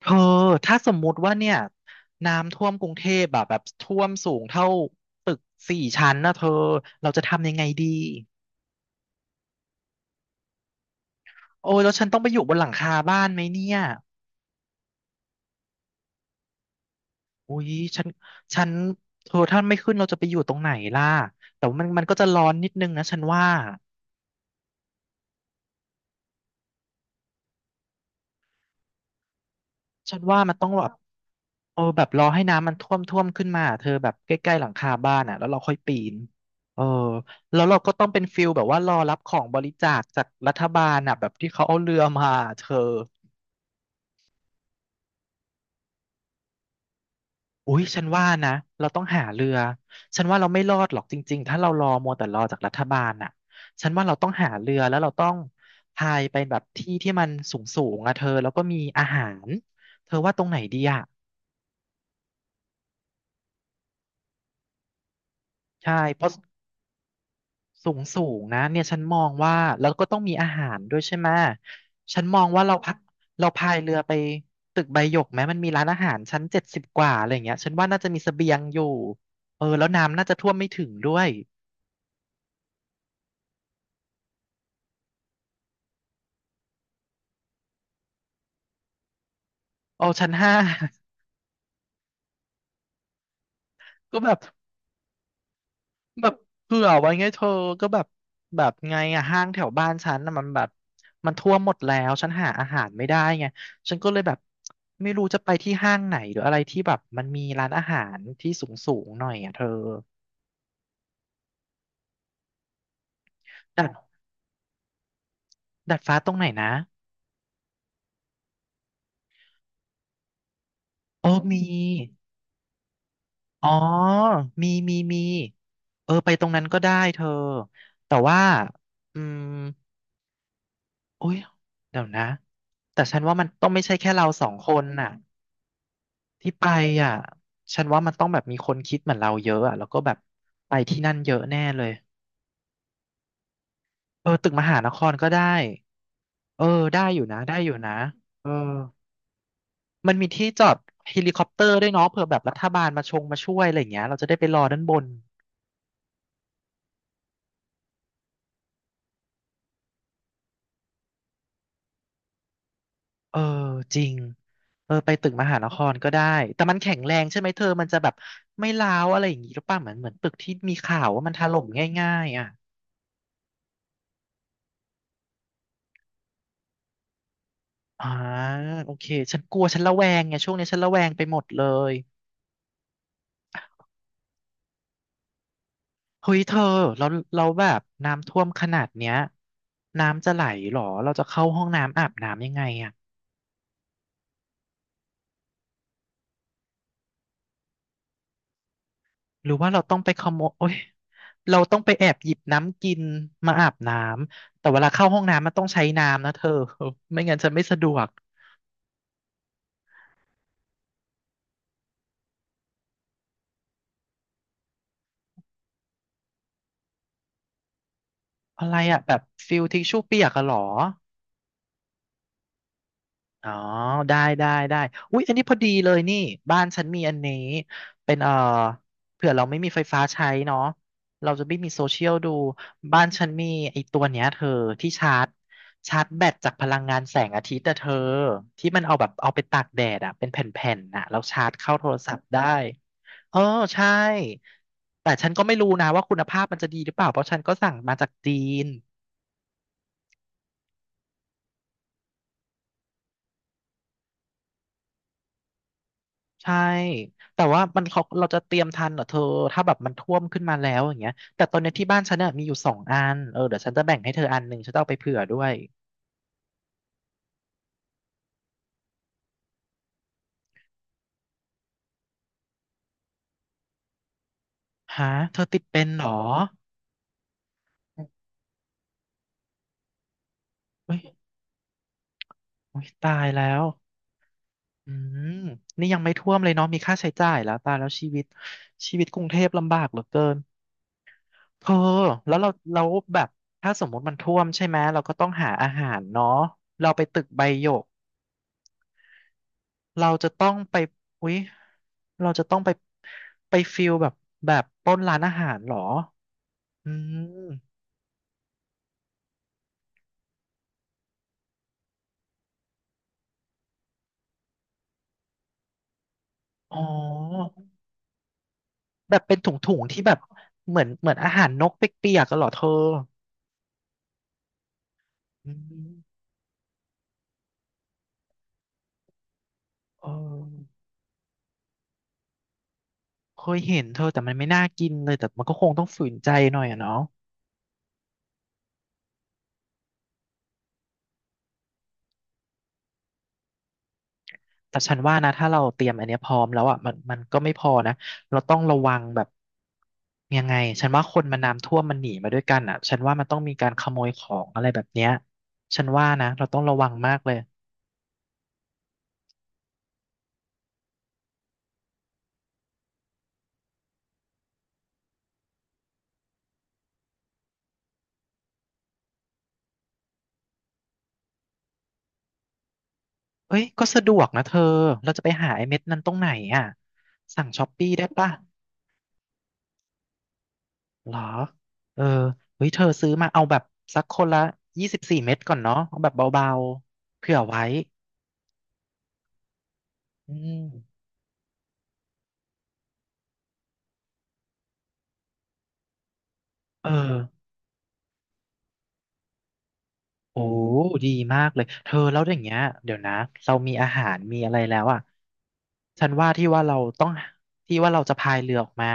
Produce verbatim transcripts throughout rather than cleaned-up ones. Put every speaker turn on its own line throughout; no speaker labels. เธอถ้าสมมุติว่าเนี่ยน้ำท่วมกรุงเทพแบบแบบท่วมสูงเท่าตึกสี่ชั้นนะเธอเราจะทำยังไงดีโอ้ยแล้วฉันต้องไปอยู่บนหลังคาบ้านไหมเนี่ยอุ้ยฉันฉันเธอถ้าไม่ขึ้นเราจะไปอยู่ตรงไหนล่ะแต่ว่ามันมันก็จะร้อนนิดนึงนะฉันว่า ฉันว่ามันต้องแบบเออแบบรอให้น้ำมันท่วมท่วมขึ้นมาเธอแบบใกล้ๆหลังคาบ้านอ่ะแล้วเราค่อยปีนเออแล้วเราก็ต้องเป็นฟิลแบบว่ารอรับของบริจาคจากรัฐบาลอ่ะแบบที่เขาเอาเรือมาเธออุ้ยฉันว่านะเราต้องหาเรือฉันว่าเราไม่รอดหรอกจริงๆถ้าเรารอมัวแต่รอจากรัฐบาลน่ะฉันว่าเราต้องหาเรือแล้วเราต้องพายไปแบบที่ที่มันสูงสูงอะเธอแล้วก็มีอาหารเธอว่าตรงไหนดีอะใช่เพราะ สูงสูงนะเนี่ยฉันมองว่าแล้วก็ต้องมีอาหารด้วยใช่ไหมฉันมองว่าเราพักเราพายเรือไปตึกใบหยกไหมมันมีร้านอาหารชั้นเจ็ดสิบกว่าอะไรอย่างเงี้ยฉันว่าน่าจะมีเสบียงอยู่เออแล้วน้ำน่าจะท่วมไม่ถึงด้วยเอาชั้นห้า ก็แบบแบบเผื่อไว้ไงเธอก็แบบแบบไงอะห้างแถวบ้านฉันน่ะมันแบบมันท่วมหมดแล้วฉันหาอาหารไม่ได้ไงฉันก็เลยแบบไม่รู้จะไปที่ห้างไหนหรืออะไรที่แบบมันมีร้านอาหารที่สูงสูงหน่อยอ่ะเธอ ดาดดาดฟ้าตรงไหนนะโอ้มี อ๋อมีมีมี เออไปตรงนั้นก็ได้เธอ แต่ว่าอืมโอ้ยเดี๋ยวนะแต่ฉันว่ามันต้องไม่ใช่แค่เราสองคนน่ะที่ไปอ่ะฉันว่ามันต้องแบบมีคนคิดเหมือนเราเยอะอ่ะแล้วก็แบบไปที่นั่นเยอะแน่เลยเออตึกมหานครก็ได้ เออได้อยู่นะได้อยู่นะเออมันมีที่จอดเฮลิคอปเตอร์ด้วยเนาะเผื่อแบบรัฐบาลมาชงมาช่วยอะไรอย่างเงี้ยเราจะได้ไปรอด้านบน เออจริงเออไปตึกมหานครก็ได้แต่มันแข็งแรงใช่ไหมเธอมันจะแบบไม่ร้าวอะไรอย่างงี้หรือเปล่าเหมือนเหมือนตึกที่มีข่าวว่ามันถล่มง่ายๆอ่ะอ่าโอเคฉันกลัวฉันระแวงไงช่วงนี้ฉันระแวงไปหมดเลยเฮ้ยเธอเราเราแบบน้ำท่วมขนาดเนี้ยน้ำจะไหลเหรอเราจะเข้าห้องน้ำอาบน้ำยังไงอ่ะหรือว่าเราต้องไปขโมยโอ้ยเราต้องไปแอบหยิบน้ำกินมาอาบน้ำแต่เวลาเข้าห้องน้ำมันต้องใช้น้ำนะเธอ ไม่งั้นฉันไม่สะดวก อะไรอ่ะแบบฟิลทิชชู่เปียกอะเหรอ อ๋อได้ได้ได้อุ๊ยอันนี้พอดีเลยนี่บ้านฉันมีอันนี้เป็นเอ่อเผื่อเราไม่มีไฟฟ้าใช้เนาะเราจะไม่มีโซเชียลดูบ้านฉันมีไอ้ตัวเนี้ยเธอที่ชาร์จชาร์จแบตจากพลังงานแสงอาทิตย์แต่เธอที่มันเอาแบบเอาไปตากแดดอะเป็นแผ่นๆน่ะแล้วชาร์จเข้าโทรศัพท์ได้เออใช่แต่ฉันก็ไม่รู้นะว่าคุณภาพมันจะดีหรือเปล่าเพราะฉันก็สั่งมาจากจีน ใช่แต่ว่ามันเขาเราจะเตรียมทันเหรอเธอถ้าแบบมันท่วมขึ้นมาแล้วอย่างเงี้ยแต่ตอนเนี้ยที่บ้านฉันเน่ยมีอยู่สองอันเออเดี๋ยวฉันจะแบ่งให้เธออันหนึ่งฉันจะเอาไปเผื่อด้วยฮะเธอติดเป็นเหรอเฮ้ยโอ้ยตายแล้วอืมนี่ยังไม่ท่วมเลยเนาะมีค่าใช้จ่ายแล้วตายแล้วชีวิตชีวิตกรุงเทพลำบากเหลือเกินเธอแล้วเราเราแบบถ้าสมมติมันท่วมใช่ไหมเราก็ต้องหาอาหารเนาะเราไปตึกใบหยก เราจะต้องไปอุ๊ยเราจะต้องไปไปฟิลแบบแบบปล้นร้านอาหารเหรออืมอ๋อแบบเป็นถุงๆที่แบบเหมือนเหมือนอาหารนกเปียกๆกันเหรอเธออืมเออเคยเห็นเธอแต่มันไม่น่ากินเลยแต่มันก็คงต้องฝืนใจหน่อยอะเนาะ แต่ฉันว่านะถ้าเราเตรียมอันเนี้ยพร้อมแล้วอ่ะมันมันก็ไม่พอนะเราต้องระวังแบบยังไงฉันว่าคนมันน้ำท่วมมันหนีมาด้วยกันอ่ะฉันว่ามันต้องมีการขโมยของอะไรแบบเนี้ยฉันว่านะเราต้องระวังมากเลยเอ้ยก็สะดวกนะเธอเราจะไปหาไอ้เม็ดนั้นตรงไหนอ่ะสั่งช้อปปี้ได้ปะเหรอเออเฮ้ยเธอซื้อมาเอาแบบสักคนละยี่สิบสี่เม็ดก่อนเนาะเอาแบบเบาๆเผื่อไว้อืมเออ โอ้ดีมากเลยเธอแล้วอย่างเงี้ยเดี๋ยวนะเรามีอาหารมีอะไรแล้วอ่ะฉันว่าที่ว่าเราต้องที่ว่าเราจะพายเรือออกมา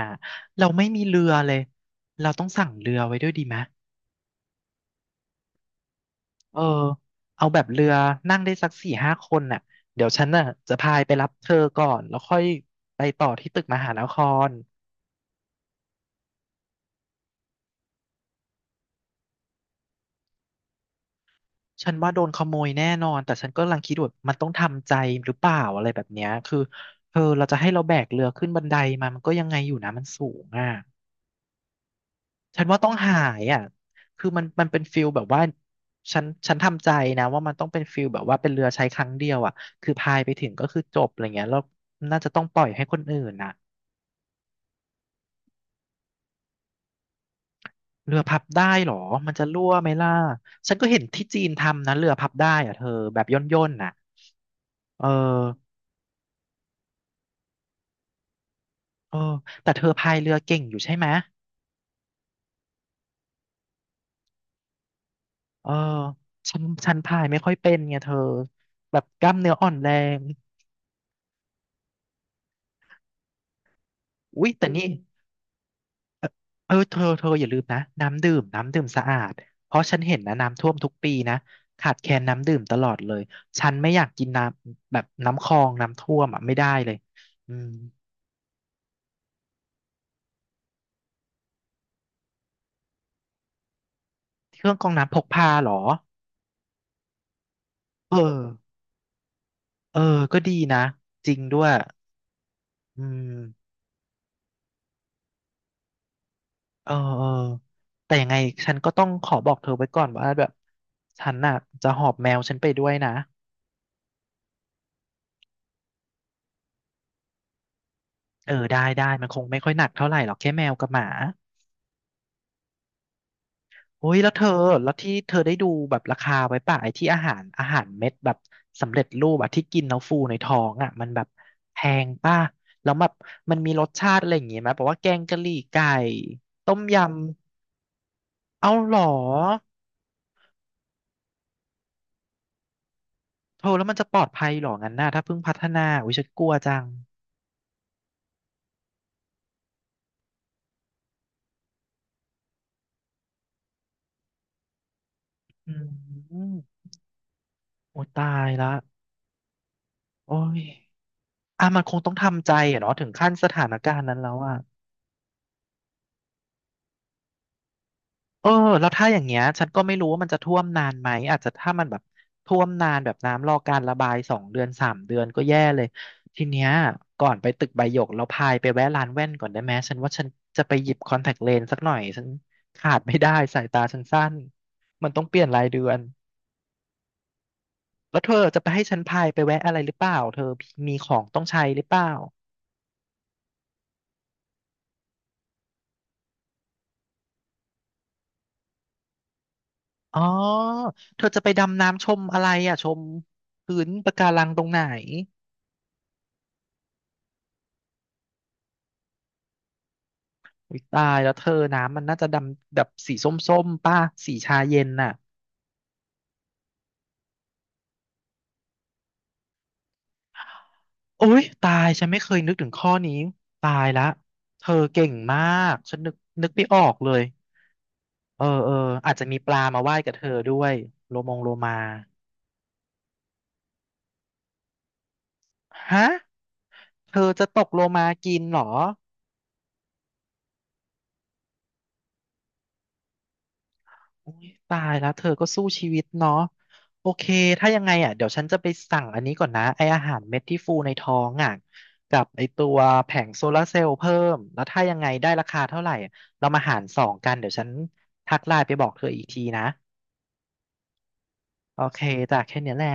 เราไม่มีเรือเลยเราต้องสั่งเรือไว้ด้วยดีไหมเออเอาแบบเรือนั่งได้สักสี่ห้าคนน่ะเดี๋ยวฉันน่ะจะพายไปรับเธอก่อนแล้วค่อยไปต่อที่ตึกมหานคร ฉันว่าโดนขโมยแน่นอนแต่ฉันก็กำลังคิดว่ามันต้องทำใจหรือเปล่าอะไรแบบเนี้ยคือเธอเราจะให้เราแบกเรือขึ้นบันไดมามันก็ยังไงอยู่นะมันสูงอ่ะฉันว่าต้องหายอ่ะคือมันมันเป็นฟิลแบบว่าฉันฉันทำใจนะว่ามันต้องเป็นฟิลแบบว่าเป็นเรือใช้ครั้งเดียวอ่ะคือพายไปถึงก็คือจบอะไรเงี้ยแล้วน่าจะต้องปล่อยให้คนอื่นน่ะเรือพับได้เหรอมันจะรั่วไหมล่ะฉันก็เห็นที่จีนทำนะเรือพับได้อ่ะเธอแบบย่นๆน่ะเออเออแต่เธอพายเรือเก่งอยู่ใช่ไหม เออฉันฉันพายไม่ค่อยเป็นไงเธอแบบกล้ามเนื้ออ่อนแรงอุ๊ยแต่นี่เออเธอเธออย่าลืมนะน้ำดื่มน้ำดื่มสะอาดเพราะฉันเห็นนะน้ำท่วมทุกปีนะขาดแคลนน้ำดื่มตลอดเลยฉันไม่อยากกินน้ำแบบน้ำคลองน้ำท่วมอ่ะไม่ได้เลยอืมเครื่องกรองน้ำพกพาเหรอเออเออก็ดีนะจริงด้วยอืมเออเออแต่ยังไงฉันก็ต้องขอบอกเธอไว้ก่อนว่าแบบฉันน่ะจะหอบแมวฉันไปด้วยนะ เออได้ได้ มันคงไม่ค่อยหนักเท่าไหร่หรอกแค่แมวกับหมาโอ้ยแล้วเธอ แล้วที่เธอได้ดูแบบราคาไว้ป่ะไอ้ที่อาหารอาหารเม็ดแบบสำเร็จรูปอะที่กินแล้วฟูในท้องอะมันแบบแพงป่ะแล้วแบบมันมีรสชาติอะไรอย่างงี้ไหมแบบว่าแกงกะหรี่ไก่ต้มยำ เอาหรอเธอแล้วมันจะปลอดภัยหรองั้นน่ะถ้าเพิ่งพัฒนาอุ้ยฉันกลัวจังอืมโอ้ตายละโอ้ยอ่ะมันคงต้องทำใจอะเนาะถึงขั้นสถานการณ์นั้นแล้วอะ เออแล้วถ้าอย่างเงี้ยฉันก็ไม่รู้ว่ามันจะท่วมนานไหมอาจจะถ้ามันแบบท่วมนานแบบน้ำรอการระบายสองเดือนสามเดือนก็แย่เลยทีเนี้ยก่อนไปตึกใบหยกเราพายไปแวะร้านแว่นก่อนได้ไหมฉันว่าฉันจะไปหยิบคอนแทคเลนส์สักหน่อยฉันขาดไม่ได้สายตาฉันสั้นมันต้องเปลี่ยนรายเดือนแล้วเธอจะไปให้ฉันพายไปแวะอะไรหรือเปล่าเธอมีของต้องใช้หรือเปล่าอ๋อเธอจะไปดำน้ำชมอะไรอ่ะชมพื้นปะการังตรงไหน อุ๊ยตายแล้วเธอน้ำมันน่าจะดำแบบสีส้มๆป่ะสีชาเย็นน่ะโอ๊ยตายฉันไม่เคยนึกถึงข้อนี้ตายละเธอเก่งมากฉันนึกนึกไม่ออกเลยเออเอออาจจะมีปลามาว่ายกับเธอด้วยโลมงโลมาฮะเธอจะตกโลมากินเหรอ อุ๊ยตายแล้วเธอก็สู้ชีวิตเนาะโอเคถ้ายังไงอ่ะเดี๋ยวฉันจะไปสั่งอันนี้ก่อนนะไออาหารเม็ดที่ฟูในท้องอ่ะกับไอตัวแผงโซลาร์เซลล์เพิ่มแล้วถ้ายังไงได้ราคาเท่าไหร่เรามาหารสองกันเดี๋ยวฉันทักไลน์ไปบอกเธออีกทีนะโอเคจ้ะแค่เนี้ยแหละ